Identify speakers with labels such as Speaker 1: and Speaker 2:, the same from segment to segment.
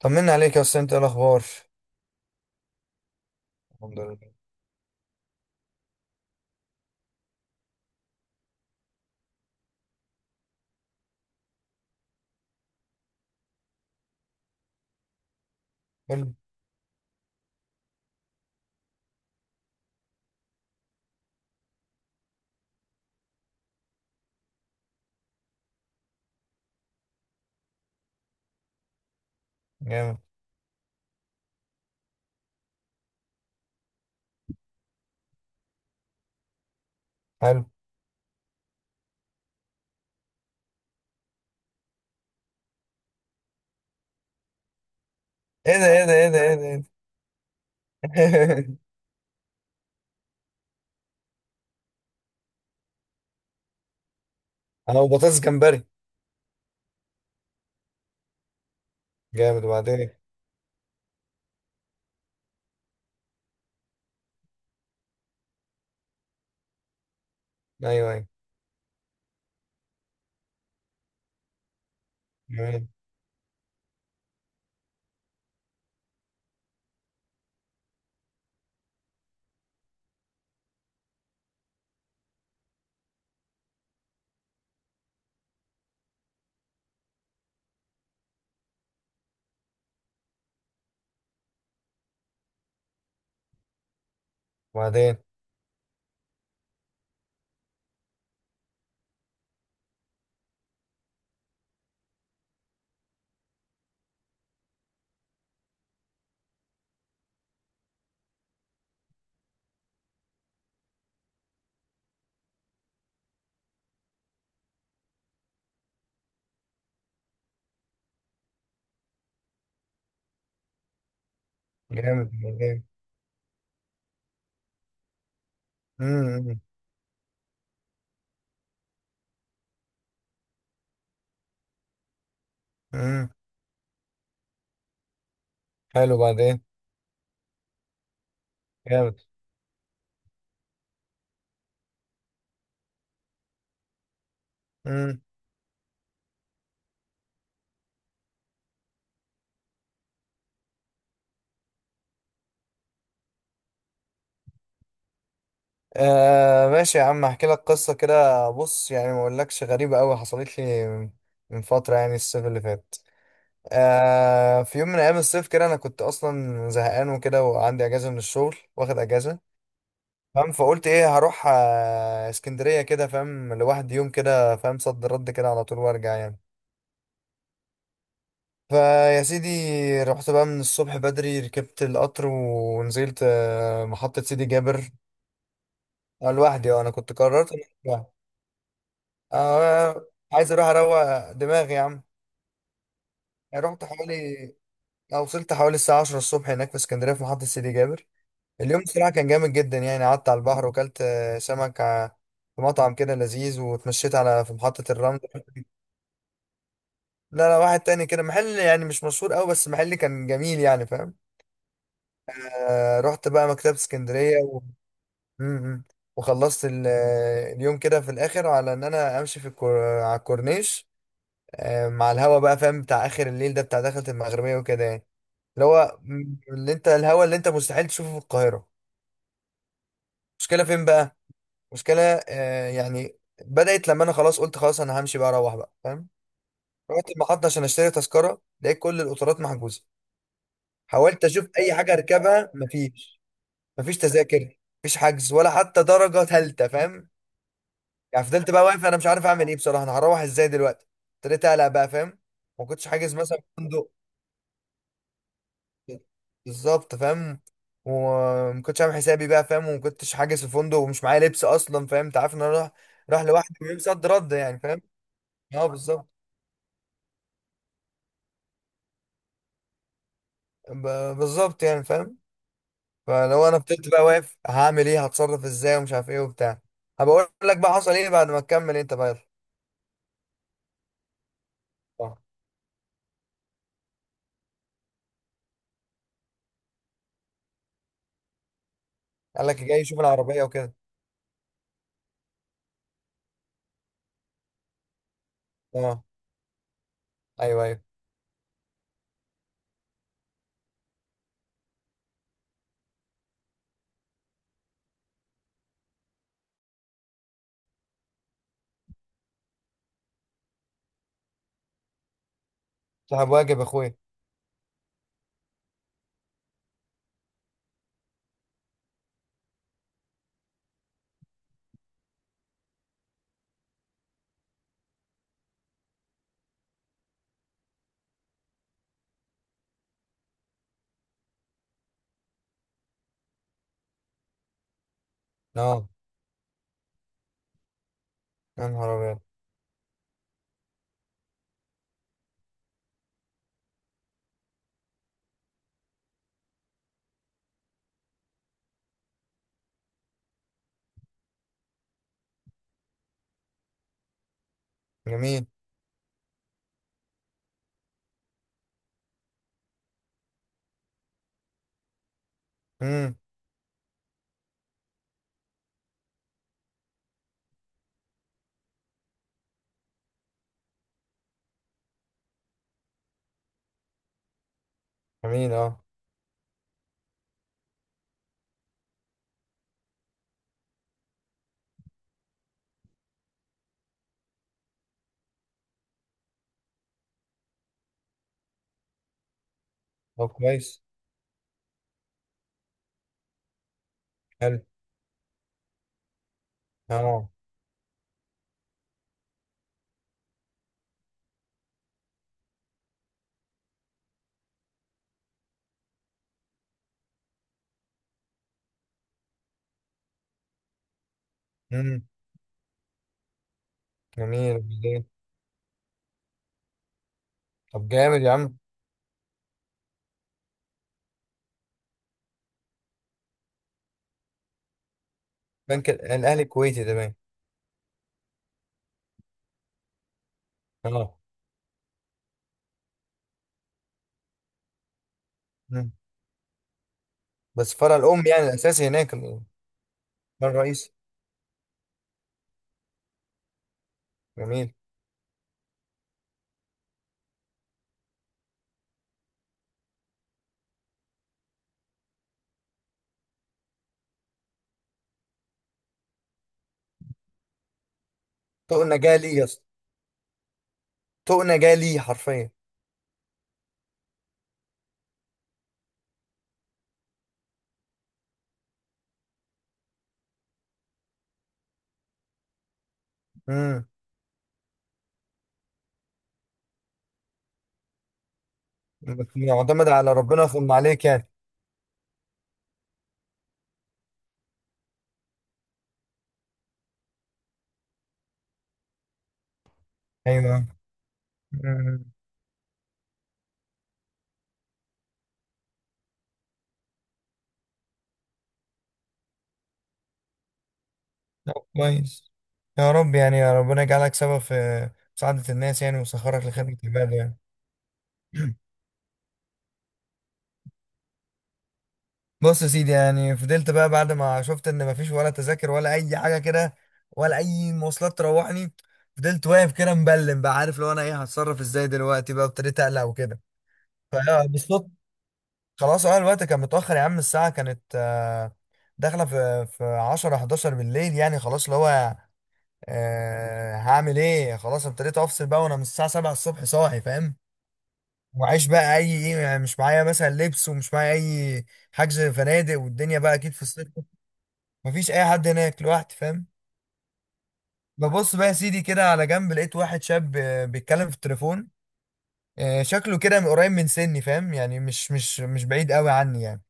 Speaker 1: طمنا عليك يا استاذ، انت ايه الاخبار؟ الحمد لله. حلو. جامد. حلو. ايه ده، ايه ده، ايه ده، ايه ده، ايه ده! انا وبطاطس جمبري. جامد، وبعدين إيه؟ ايوه، ايوه. جميل، وبعدين؟ جامد، وبعدين؟ امم. امم. حلو، وبعدين؟ جامد. امم. ماشي يا عم، احكي لك قصه كده. بص يعني، ما اقولكش غريبه قوي حصلت لي من فتره، يعني الصيف اللي فات. في يوم من ايام الصيف كده، انا كنت اصلا زهقان وكده، وعندي اجازه من الشغل، واخد اجازه. فاهم. فقلت ايه، هروح اسكندريه كده، فاهم، لوحدي يوم كده، فاهم، صد رد كده على طول وارجع يعني. فيا سيدي، رحت بقى من الصبح بدري، ركبت القطر ونزلت محطه سيدي جابر. لوحدي. اه، انا كنت قررت إن... أنا لوحدي. آه، عايز اروح اروق دماغي يا عم. يعني رحت حوالي... أو وصلت حوالي الساعه 10 الصبح، هناك في اسكندريه في محطه سيدي جابر. اليوم بصراحه كان جامد جدا. يعني قعدت على البحر وكلت سمك، في مطعم كده لذيذ، واتمشيت على... في محطه الرمل. لا، لا، واحد تاني كده، محل يعني مش مشهور قوي، بس محل كان جميل يعني، فاهم. رحت بقى مكتبة اسكندرية و... م- م. وخلصت اليوم كده في الاخر، على ان انا امشي على الكورنيش. مع الهوا بقى، فاهم، بتاع اخر الليل ده، بتاع دخلة المغربية وكده يعني. اللي هو اللي انت الهوا اللي انت مستحيل تشوفه في القاهرة. مشكلة فين بقى؟ مشكلة... يعني... بدأت لما انا خلاص قلت خلاص، انا همشي بقى، اروح بقى، فاهم. رحت المحطة عشان اشتري تذكرة، لقيت كل القطارات محجوزة. حاولت اشوف اي حاجه اركبها، مفيش. مفيش تذاكر، مفيش حجز ولا حتى درجه ثالثه، فاهم. يعني فضلت بقى واقف، انا مش عارف اعمل ايه بصراحه، انا هروح ازاي دلوقتي؟ ابتديت اقلق بقى، فاهم. ما كنتش حاجز مثلا فندق. بالظبط، فاهم. وما كنتش عامل حسابي بقى، فاهم، وما كنتش حاجز في فندق، ومش معايا لبس اصلا، فاهم، انت عارف ان انا رايح. رايح لوحدي، ويوم صد رد يعني، فاهم. اه، بالظبط. بالظبط يعني، فاهم. فلو انا فضلت بقى واقف، هعمل ايه، هتصرف ازاي ومش عارف ايه وبتاع. هبقول لك بقى حصل ايه بعد ما تكمل انت بقى. يلا. اه، قال لك جاي يشوف العربيه وكده. اه، ايوه، ايوه. صاحب واجب يا اخويا. اه، يا نهار ابيض. جميل. امم. جميل، اه. طب كويس. حلو، اه. امم. جميل، وبعدين؟ طب جامد يا عم. بنك الاهلي الكويتي ده باين. اه. مم. بس فرع الام يعني الاساسي هناك ال-... ده الرئيسي. جميل. طقنا جالي يا اسطى. طقنا جالي حرفيا. امم. بس معتمد على ربنا، ثم عليك يعني. ايوه. مم. طب كويس. يا رب يعني، يا ربنا يجعلك سبب في مساعدة الناس يعني، ويسخرك لخدمة عباده يعني. بص يا سيدي، يعني فضلت بقى بعد ما شفت ان مفيش ولا تذاكر ولا اي حاجه كده، ولا اي مواصلات تروحني. فضلت واقف كده مبلم بقى، عارف لو انا ايه هتصرف ازاي دلوقتي بقى، ابتديت اقلق وكده. فبالصدفه... خلاص، اه، الوقت كان متاخر يا عم، الساعه كانت داخله في 10 11 بالليل، يعني خلاص اللي هو... هعمل ايه، خلاص ابتديت افصل بقى، وانا من الساعه 7 الصبح صاحي، فاهم. وعيش بقى اي ايه يعني، مش معايا مثلا لبس، ومش معايا اي حجز فنادق، والدنيا بقى اكيد في الصيف. مفيش اي حد هناك، لوحدي فاهم. ببص بقى يا سيدي كده على جنب، لقيت واحد شاب بيتكلم في التليفون. شكله كده من قريب من سني، فاهم يعني مش بعيد قوي عني يعني.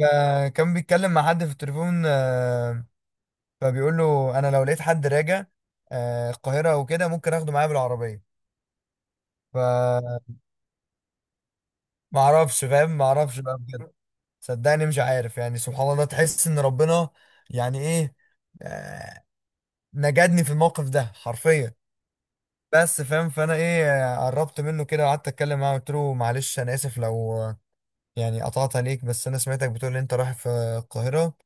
Speaker 1: فكان بيتكلم مع حد في التليفون، فبيقول له: انا لو لقيت حد راجع القاهره وكده، ممكن اخده معايا بالعربيه. ف... ما اعرفش، فاهم، ما اعرفش بقى بجد. صدقني مش عارف يعني، سبحان الله تحس ان ربنا... يعني ايه... آه، نجدني في الموقف ده حرفيا. بس، فاهم، فانا ايه... قربت منه كده، وقعدت اتكلم معاه، قلت له: معلش انا اسف لو، يعني قطعت عليك، بس انا سمعتك بتقول ان انت رايح في القاهرة.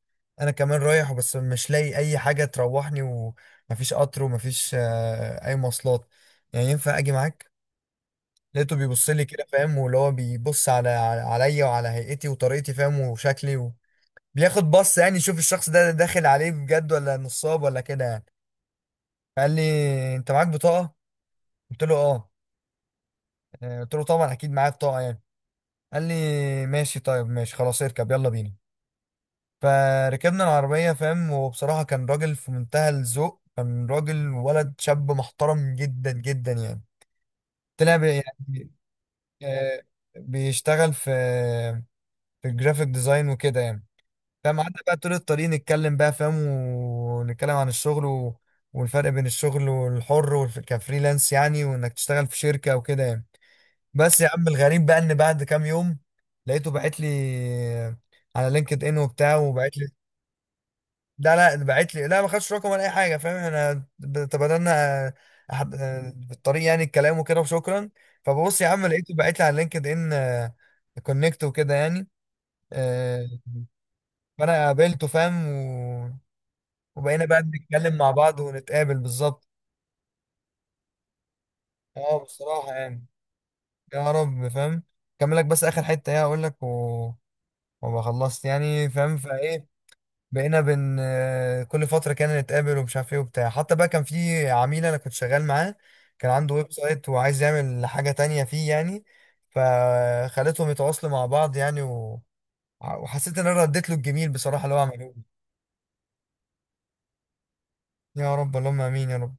Speaker 1: انا كمان رايح، بس مش لاقي اي حاجة تروحني، ومفيش قطر، ومفيش اي مواصلات. يعني ينفع اجي معاك؟ لقيته بيبص لي كده، فاهم، واللي هو بيبص عليا وعلى هيئتي وطريقتي، فاهم، وشكلي و... بياخد بص يعني، يشوف الشخص ده داخل عليه بجد ولا نصاب ولا كده يعني. فقال لي: انت معاك بطاقة؟ قلت له: اه. قلت له: طبعا اكيد معايا بطاقة يعني. قال لي: ماشي، طيب ماشي خلاص، اركب يلا بينا. فركبنا العربية، فاهم، وبصراحة كان راجل في منتهى الذوق، كان راجل ولد شاب محترم جدا جدا يعني. طلع يعني، آه، بيشتغل في الجرافيك ديزاين وكده يعني. فاهم، قعدنا بقى طول الطريق نتكلم بقى، فاهم، ونتكلم عن الشغل و... والفرق بين الشغل والحر كفريلانس يعني، وانك تشتغل في شركة وكده يعني. بس يا عم، الغريب بقى ان بعد كام يوم لقيته باعت لي على لينكد ان وبتاع، وبعت لي... لا، لا، باعت لي، لا، ما خدش رقم ولا اي حاجة، فاهم، احنا تبادلنا أحد... بالطريق يعني، الكلام وكده، وشكرا. فببص يا عم، لقيته باعت لي على لينكد ان كونكت وكده يعني. آه، فانا قابلته، فاهم. وبقينا بقى نتكلم مع بعض ونتقابل بالظبط. اه، بصراحة يعني، يا رب، فاهم. كمل لك بس اخر حتة ايه هقول لك و... وما خلصت يعني، فاهم، فايه... بقينا بن آه، كل فترة كان نتقابل ومش عارف ايه وبتاع، حتى بقى كان في عميل انا كنت شغال معاه. كان عنده ويب سايت وعايز يعمل حاجة تانية فيه يعني. فخليتهم يتواصلوا مع بعض يعني و... وحسيت ان انا رديت له الجميل بصراحة، اللي هو عمله لي. يا رب، اللهم امين يا رب.